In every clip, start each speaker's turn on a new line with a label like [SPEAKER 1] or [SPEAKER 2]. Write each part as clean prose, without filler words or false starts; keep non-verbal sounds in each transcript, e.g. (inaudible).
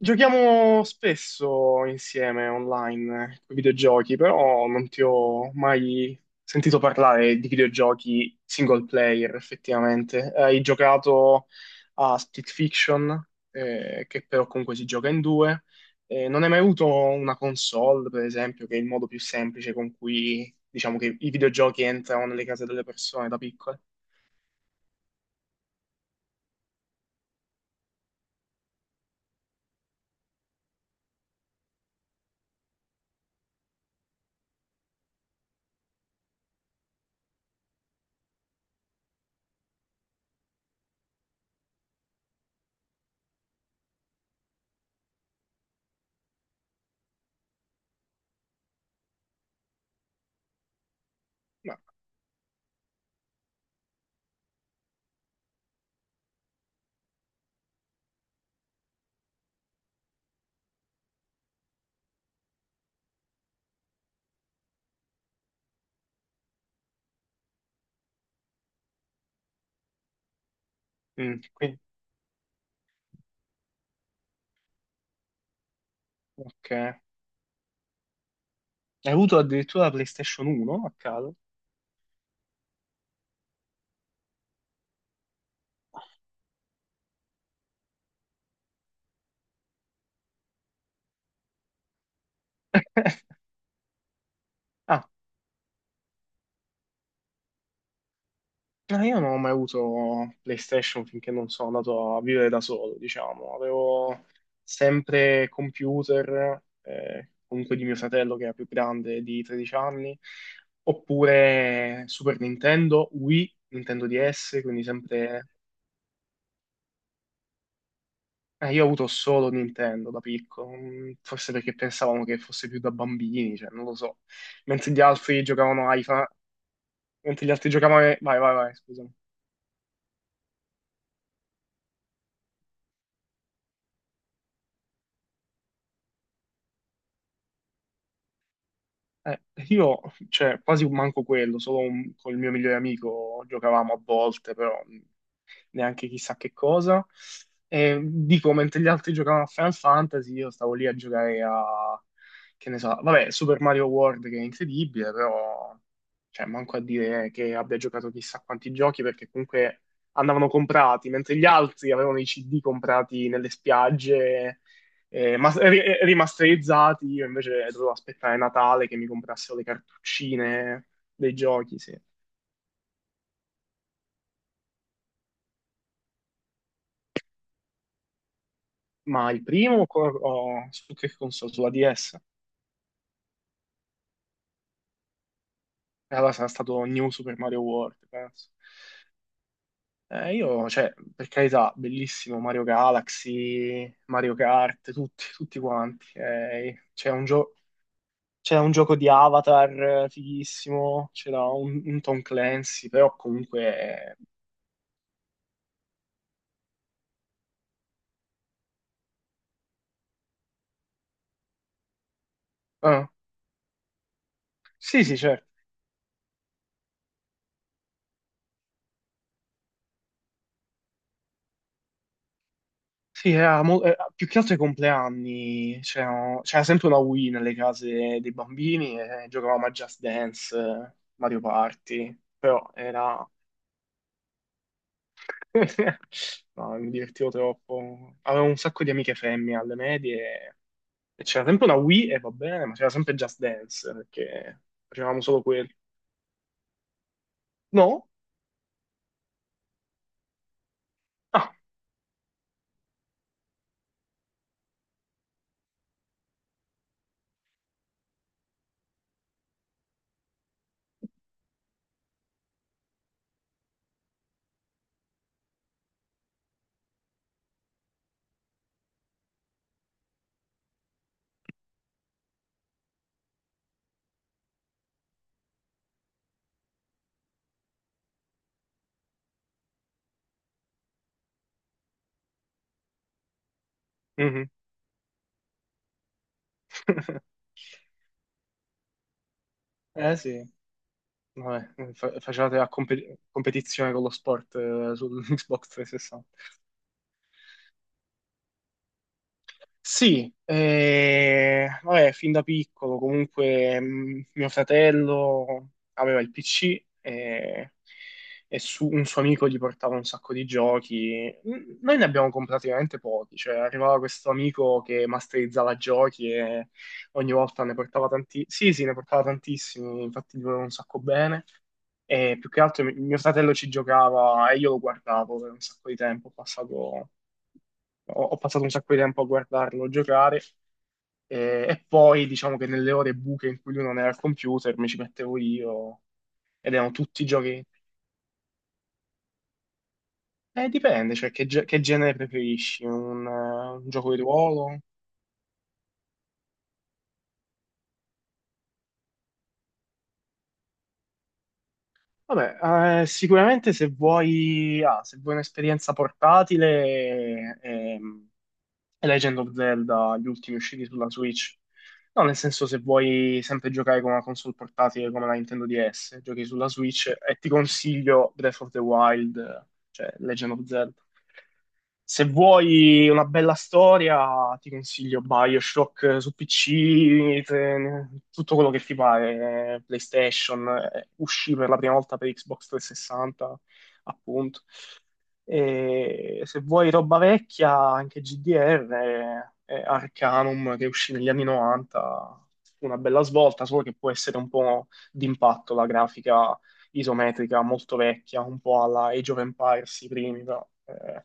[SPEAKER 1] Giochiamo spesso insieme online con i videogiochi, però non ti ho mai sentito parlare di videogiochi single player effettivamente. Hai giocato a Split Fiction, che però comunque si gioca in due. Non hai mai avuto una console, per esempio, che è il modo più semplice con cui diciamo che i videogiochi entrano nelle case delle persone da piccole? No. Mm. Ok. Hai avuto addirittura la PlayStation 1 a caso? (laughs) Ah, no, io non ho mai avuto PlayStation finché non sono andato a vivere da solo, diciamo. Avevo sempre computer, comunque di mio fratello che era più grande di 13 anni, oppure Super Nintendo, Wii, Nintendo DS, quindi sempre... io ho avuto solo Nintendo da piccolo, mm, forse perché pensavamo che fosse più da bambini, cioè, non lo so. Mentre gli altri giocavano ai... Mentre gli altri giocavano... ai- Vai, vai, vai, scusa. Eh, io, cioè, quasi manco quello, con il mio migliore amico giocavamo a volte, però neanche chissà che cosa. E dico, mentre gli altri giocavano a Final Fantasy, io stavo lì a giocare a, che ne so, vabbè, Super Mario World che è incredibile, però, cioè, manco a dire che abbia giocato chissà quanti giochi, perché comunque andavano comprati, mentre gli altri avevano i CD comprati nelle spiagge, rimasterizzati, io invece dovevo aspettare Natale che mi comprassero le cartuccine dei giochi, sì. Ma il primo co- o su che console? Sulla DS? E allora sarà stato New Super Mario World, penso. Io, cioè, per carità, bellissimo Mario Galaxy, Mario Kart, tutti, tutti quanti. C'è un gioco di Avatar fighissimo, c'era un Tom Clancy, però comunque... eh, ah, sì, sì, certo. Sì, più che altro ai compleanni c'era sempre una Wii nelle case dei bambini e giocavamo a Just Dance, Mario Party, però era... (laughs) No, mi divertivo troppo. Avevo un sacco di amiche femmine alle medie e c'era sempre una Wii e va bene, ma c'era sempre Just Dance perché facevamo solo quello. No? Ah, mhm. (laughs) Eh sì, vabbè, facevate la competizione con lo sport su (laughs) Xbox 360. Sì, vabbè, fin da piccolo comunque mio fratello aveva il PC e un suo amico gli portava un sacco di giochi. Mm, noi ne abbiamo comprati veramente pochi, cioè arrivava questo amico che masterizzava giochi e ogni volta ne portava tanti. Sì, sì, ne portava tantissimi, infatti gli voleva un sacco bene. E più che altro mio fratello ci giocava e io lo guardavo per un sacco di tempo, ho passato un sacco di tempo a guardarlo giocare e poi diciamo che nelle ore buche in cui lui non era al computer mi ci mettevo io ed erano tutti giochi. Dipende, cioè che, che genere preferisci? Un gioco di ruolo? Vabbè, sicuramente se vuoi, ah, se vuoi un'esperienza portatile, è Legend of Zelda, gli ultimi usciti sulla Switch. No, nel senso se vuoi sempre giocare con una console portatile come la Nintendo DS, giochi sulla Switch e ti consiglio Breath of the Wild, cioè Legend of Zelda. Se vuoi una bella storia, ti consiglio BioShock su PC, tutto quello che ti pare, PlayStation, uscì per la prima volta per Xbox 360, appunto. E se vuoi roba vecchia, anche GDR, Arcanum che uscì negli anni 90, una bella svolta, solo che può essere un po' d'impatto la grafica isometrica molto vecchia, un po' alla Age of Empires, i primi. Però,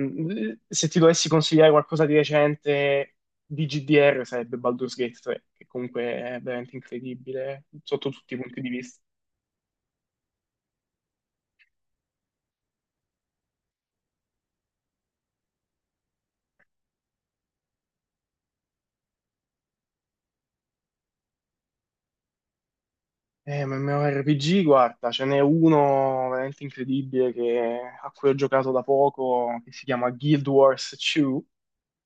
[SPEAKER 1] mm, se ti dovessi consigliare qualcosa di recente di GDR sarebbe Baldur's Gate 3, che comunque è veramente incredibile sotto tutti i punti di vista. Ma MMORPG, guarda, ce n'è uno veramente incredibile a cui ho giocato da poco, che si chiama Guild Wars 2,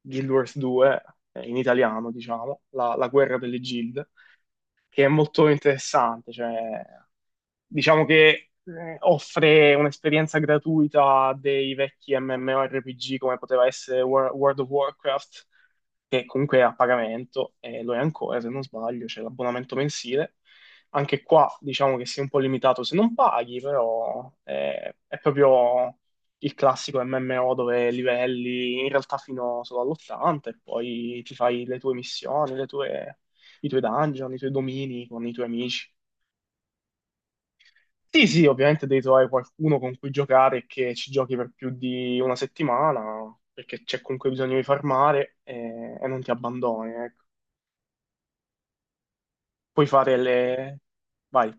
[SPEAKER 1] Guild Wars 2, in italiano, diciamo, la guerra delle guild, che è molto interessante. Cioè, diciamo che offre un'esperienza gratuita a dei vecchi MMORPG come poteva essere World of Warcraft che comunque è a pagamento, e lo è ancora se non sbaglio, c'è l'abbonamento mensile. Anche qua diciamo che sei un po' limitato se non paghi, però è proprio il classico MMO dove livelli in realtà fino solo all'80 e poi ti fai le tue missioni, i tuoi dungeon, i tuoi domini con i tuoi amici. Sì, sì, ovviamente devi trovare qualcuno con cui giocare e che ci giochi per più di una settimana, perché c'è comunque bisogno di farmare e non ti abbandoni, ecco. Puoi fare le... Vai.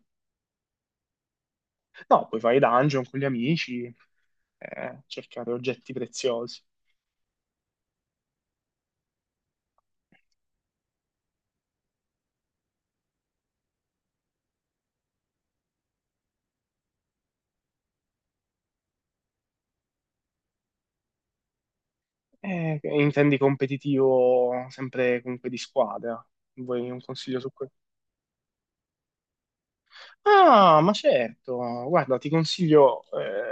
[SPEAKER 1] No, puoi fare i dungeon con gli amici, cercare oggetti preziosi. Intendi competitivo sempre comunque di squadra? Vuoi un consiglio su questo? Ah, ma certo, guarda, ti consiglio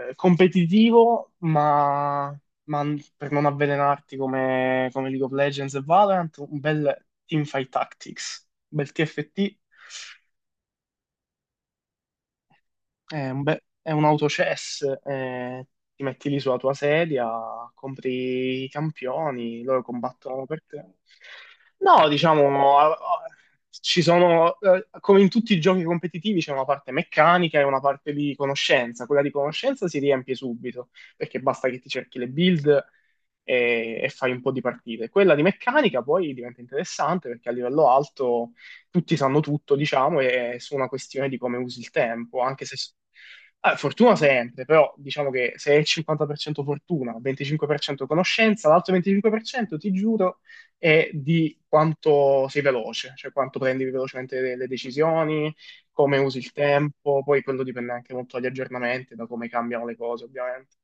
[SPEAKER 1] competitivo, ma, per non avvelenarti come, come League of Legends e Valorant, un bel Teamfight Tactics, un bel TFT. È un, è un autochess, ti metti lì sulla tua sedia, compri i campioni, loro combattono per te. No, diciamo, ci sono, come in tutti i giochi competitivi, c'è una parte meccanica e una parte di conoscenza. Quella di conoscenza si riempie subito, perché basta che ti cerchi le build e fai un po' di partite. Quella di meccanica poi diventa interessante perché a livello alto tutti sanno tutto, diciamo, e è su una questione di come usi il tempo, anche se... Ah, fortuna sempre, però diciamo che se è il 50% fortuna, 25% conoscenza, l'altro 25% ti giuro è di quanto sei veloce, cioè quanto prendi velocemente le decisioni, come usi il tempo, poi quello dipende anche molto dagli aggiornamenti, da come cambiano le cose, ovviamente.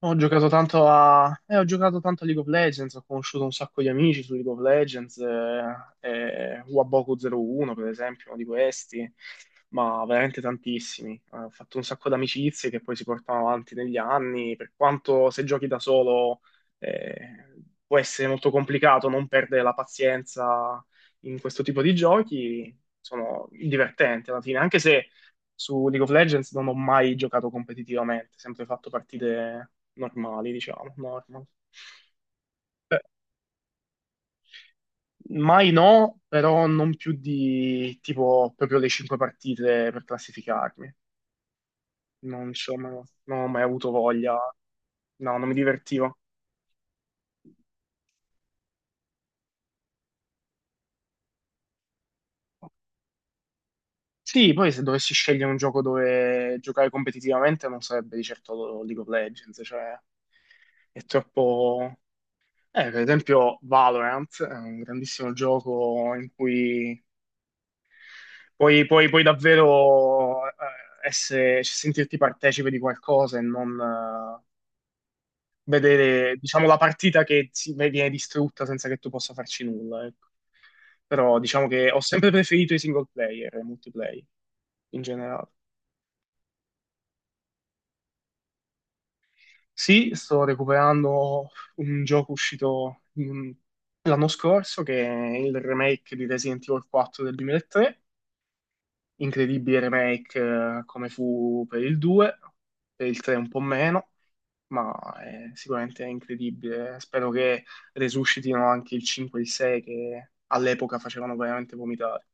[SPEAKER 1] Ho giocato tanto a League of Legends, ho conosciuto un sacco di amici su League of Legends, Waboku 01 per esempio, uno di questi, ma veramente tantissimi. Ho fatto un sacco di amicizie che poi si portano avanti negli anni, per quanto se giochi da solo eh, può essere molto complicato non perdere la pazienza in questo tipo di giochi, sono divertenti alla fine, anche se su League of Legends non ho mai giocato competitivamente, sempre fatto partite normali, diciamo, normal. Eh, Mai no, però non più di tipo proprio le cinque partite per classificarmi. Non, insomma, non ho mai avuto voglia, no, non mi divertivo. Sì, poi se dovessi scegliere un gioco dove giocare competitivamente non sarebbe di certo League of Legends, cioè è troppo. Per esempio Valorant è un grandissimo gioco in cui puoi davvero essere, sentirti partecipe di qualcosa e non vedere, diciamo, la partita viene distrutta senza che tu possa farci nulla, ecco. Però diciamo che ho sempre preferito i single player e i multiplayer in generale. Sì, sto recuperando un gioco uscito mm, l'anno scorso che è il remake di Resident Evil 4 del 2003, incredibile remake come fu per il 2, per il 3 un po' meno, ma è sicuramente incredibile. Spero che resuscitino anche il 5 e il 6 che all'epoca facevano veramente vomitare.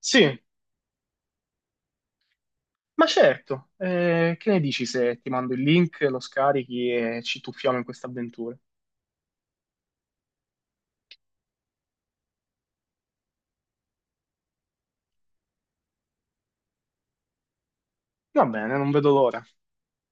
[SPEAKER 1] Sì, ma certo, che ne dici se ti mando il link, lo scarichi e ci tuffiamo in questa avventura? Va bene, non vedo l'ora.